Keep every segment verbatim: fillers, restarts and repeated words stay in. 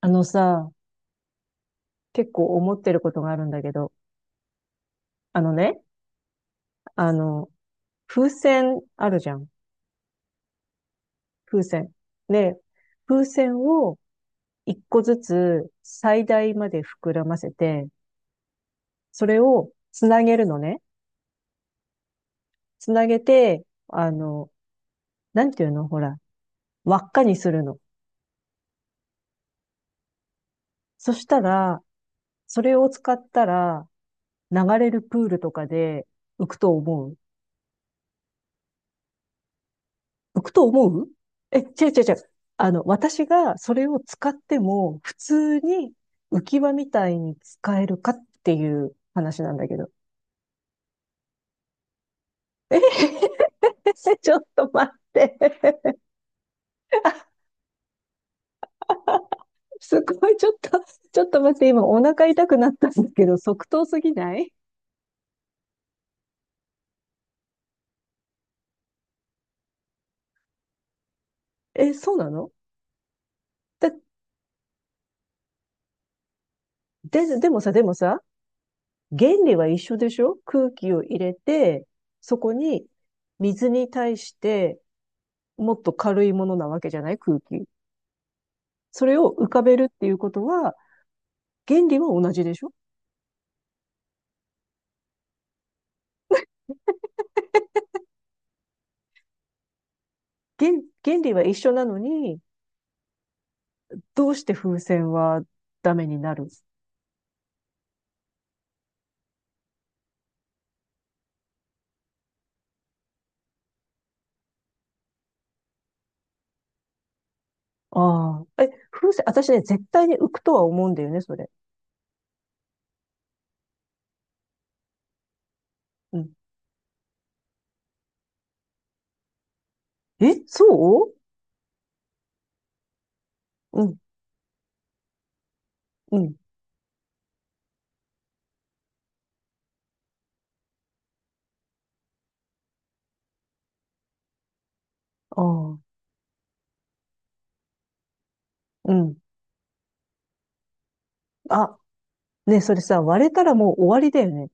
あのさ、結構思ってることがあるんだけど、あのね、あの、風船あるじゃん。風船。で、風船を一個ずつ最大まで膨らませて、それをつなげるのね。つなげて、あの、なんていうのほら、輪っかにするの。そしたら、それを使ったら、流れるプールとかで浮くと思う。浮くと思う。え、違う違う違う。あの、私がそれを使っても、普通に浮き輪みたいに使えるかっていう話なんだけど。ちょっと待って。あ、すごい、ちょっと、ちょっと待って、今お腹痛くなったんだけど、即答すぎない？え、そうなの？だ、で、でもさ、でもさ、原理は一緒でしょ？空気を入れて、そこに水に対してもっと軽いものなわけじゃない？空気。それを浮かべるっていうことは、原理は同じでしょ？原、原理は一緒なのに、どうして風船はダメになる？ああ。え、風船、私ね、絶対に浮くとは思うんだよね、それ。うん。え、そう。うん、うん。ああ、うん。あ、ね、それさ、割れたらもう終わりだよね。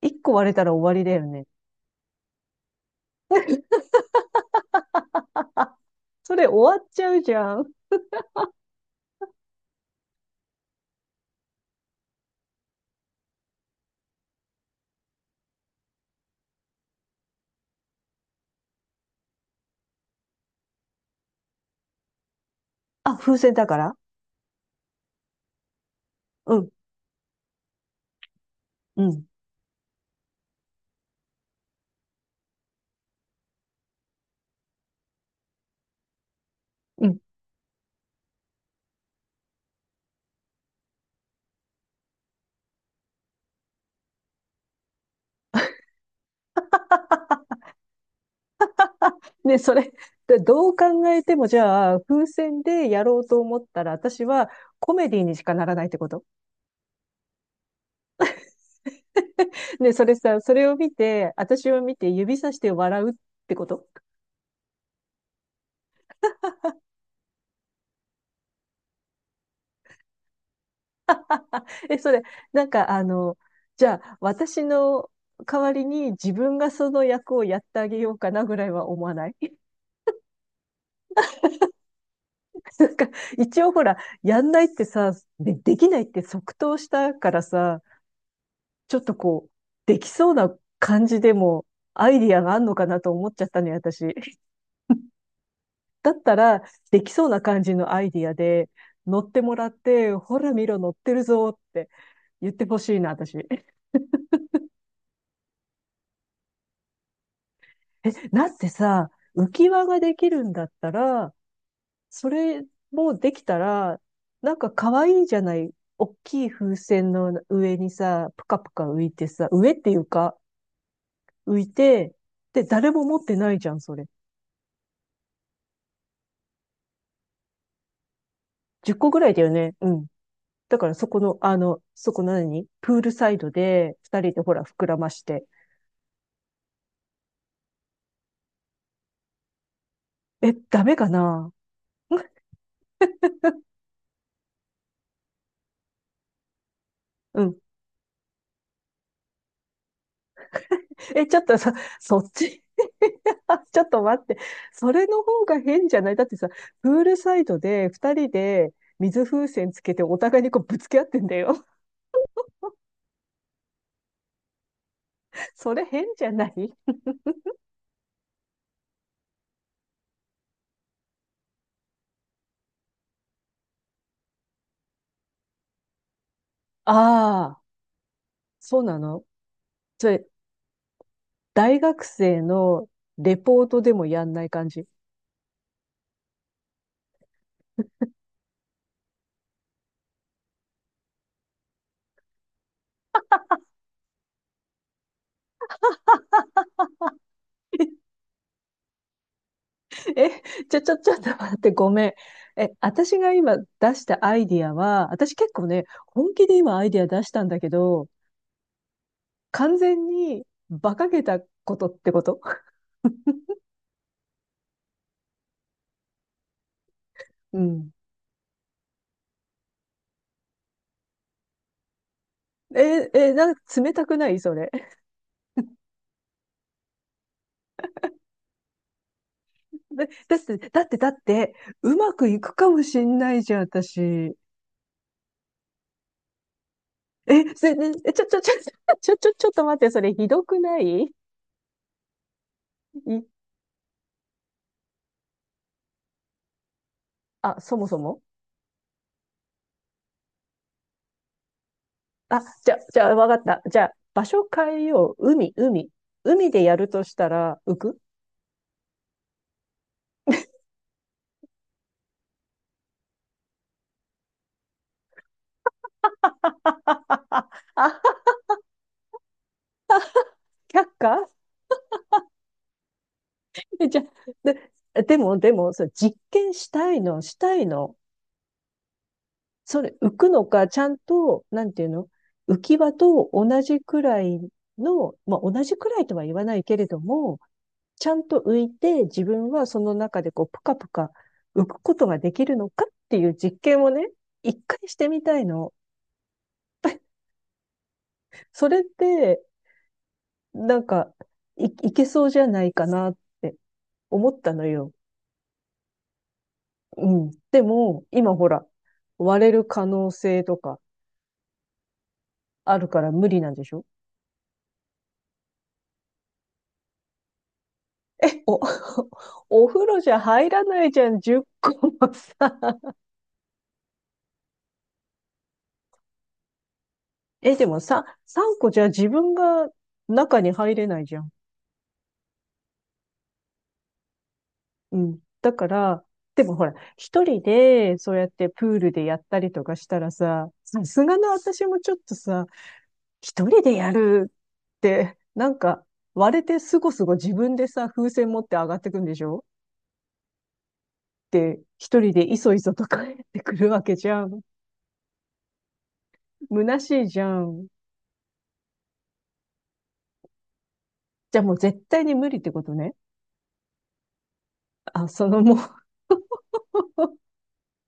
一個割れたら終わりだよね。それ終わっちゃうじゃん。あ、風船だから。うん、うん、うん。ね、それ、でどう考えても、じゃあ、風船でやろうと思ったら、私はコメディにしかならないってこと？ね、それさ、それを見て、私を見て指さして笑うってこと？え、それ、なんか、あの、じゃあ、私の代わりに自分がその役をやってあげようかなぐらいは思わない？ なんか、一応ほら、やんないってさ、で、できないって即答したからさ、ちょっとこう、できそうな感じでも、アイディアがあんのかなと思っちゃったね、私。だったら、できそうな感じのアイディアで、乗ってもらって、ほら見ろ、乗ってるぞって言ってほしいな、私。え、だってさ、浮き輪ができるんだったら、それもできたら、なんか可愛いじゃない。大きい風船の上にさ、ぷかぷか浮いてさ、上っていうか、浮いて、で、誰も持ってないじゃん、それ。じゅっこぐらいだよね。うん。だからそこの、あの、そこ何プールサイドで、二人でほら、膨らまして、え、ダメかな？うん。え、ちょっとさ、そっち ちょっと待って。それの方が変じゃない？だってさ、プールサイドで二人で水風船つけてお互いにこうぶつけ合ってんだよ。それ変じゃない？ああー、そうなの？それ、大学生のレポートでもやんない感じ？え、ちょ、ちょ、ちょっと待って、ごめん。え、私が今出したアイディアは、私結構ね、本気で今アイディア出したんだけど、完全に馬鹿げたことってこと？ うん。え、え、なんか冷たくない？それ。だ、だって、だって、だって、うまくいくかもしんないじゃん、私。え、それねえ、ちょ、ちょ、ちょ、ちょ、ちょ、ちょっと待って、それひどくない？い、あ、そもそも、あ、じゃ、じゃあ、わかった。じゃあ、場所変えよう。海、海。海でやるとしたら、浮く？ あ、却下？え、じゃあ、で、でも、でも、そう、実験したいの、したいの。それ、浮くのか、ちゃんと、なんていうの？浮き輪と同じくらいの、まあ、同じくらいとは言わないけれども、ちゃんと浮いて自分はその中でこう、ぷかぷか浮くことができるのかっていう実験をね、一回してみたいの。それって、なんか、い、いけそうじゃないかなって思ったのよ。うん。でも、今ほら、割れる可能性とかあるから無理なんでしょ？え、お、お風呂じゃ入らないじゃん、じゅっこもさ。え、でもさ、さんこじゃ自分が中に入れないじゃん。うん。だから、でもほら、一人で、そうやってプールでやったりとかしたらさ、さすがの私もちょっとさ、一人でやるって、なんか、割れてすごすご自分でさ、風船持って上がってくんでしょって一人でいそいそと帰ってくるわけじゃん。虚しいじゃん。じゃあもう絶対に無理ってことね。あ、そのもう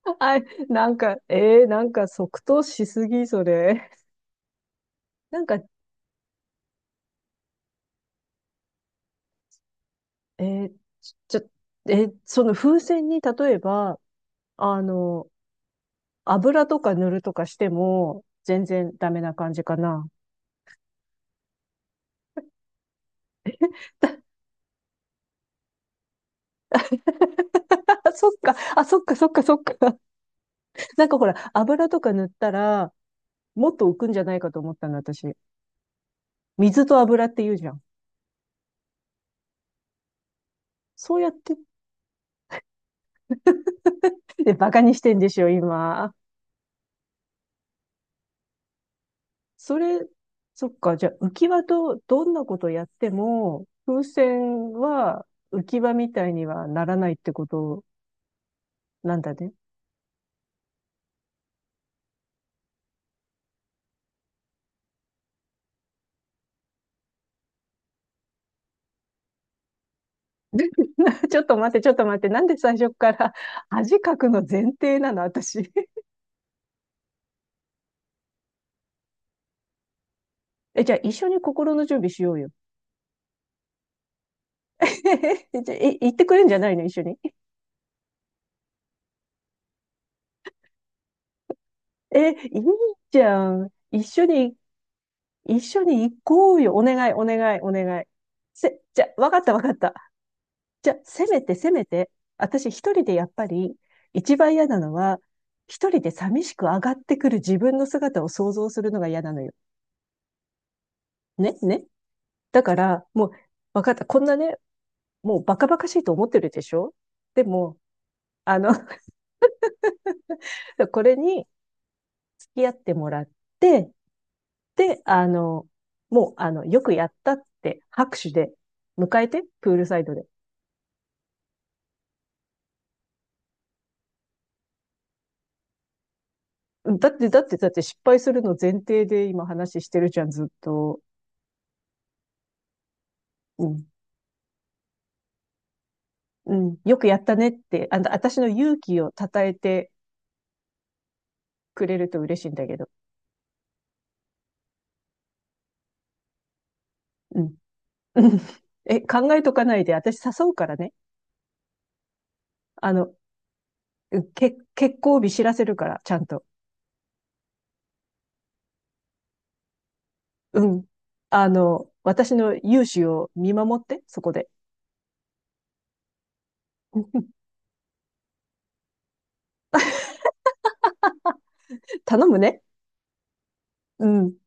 あ、なんか、えー、なんか即答しすぎ、それ。なんか、えー、ちょ、えーその風船に例えば、あの、油とか塗るとかしても、全然ダメな感じかな。あ、そっか、あ、そっか、そっか、そっか。なんかほら、油とか塗ったら、もっと浮くんじゃないかと思ったの、私。水と油って言うじゃん。そうやって、で、バカにしてんでしょ、今。それ、そっか、じゃあ浮き輪とどんなことやっても、風船は浮き輪みたいにはならないってことなんだね。ちょっと待って、ちょっと待って、なんで最初から恥かくの前提なの、私。え、じゃあ一緒に心の準備しようよ。え、じゃあ、え、行ってくれんじゃないの、一緒に。え、いいじゃん。一緒に、一緒に行こうよ。お願い、お願い、お願い。せ、じゃあ、わかった、わかった。じゃあ、せめてせめて、私一人でやっぱり、一番嫌なのは、一人で寂しく上がってくる自分の姿を想像するのが嫌なのよ。ね、ね。だから、もう、わかった。こんなね、もうバカバカしいと思ってるでしょ？でも、あの、これに付き合ってもらって、で、あの、もう、あの、よくやったって拍手で迎えて、プールサイドで。うん、だって、だって、だって失敗するの前提で今話してるじゃん、ずっと。うん。うん、よくやったねって、あの、私の勇気を称えてくれると嬉しいんだけど。うん。うん え、考えとかないで、私誘うからね。あの、け、結婚日知らせるから、ちゃんと。うん。あの、私の勇姿を見守って、そこで。頼むね。うん。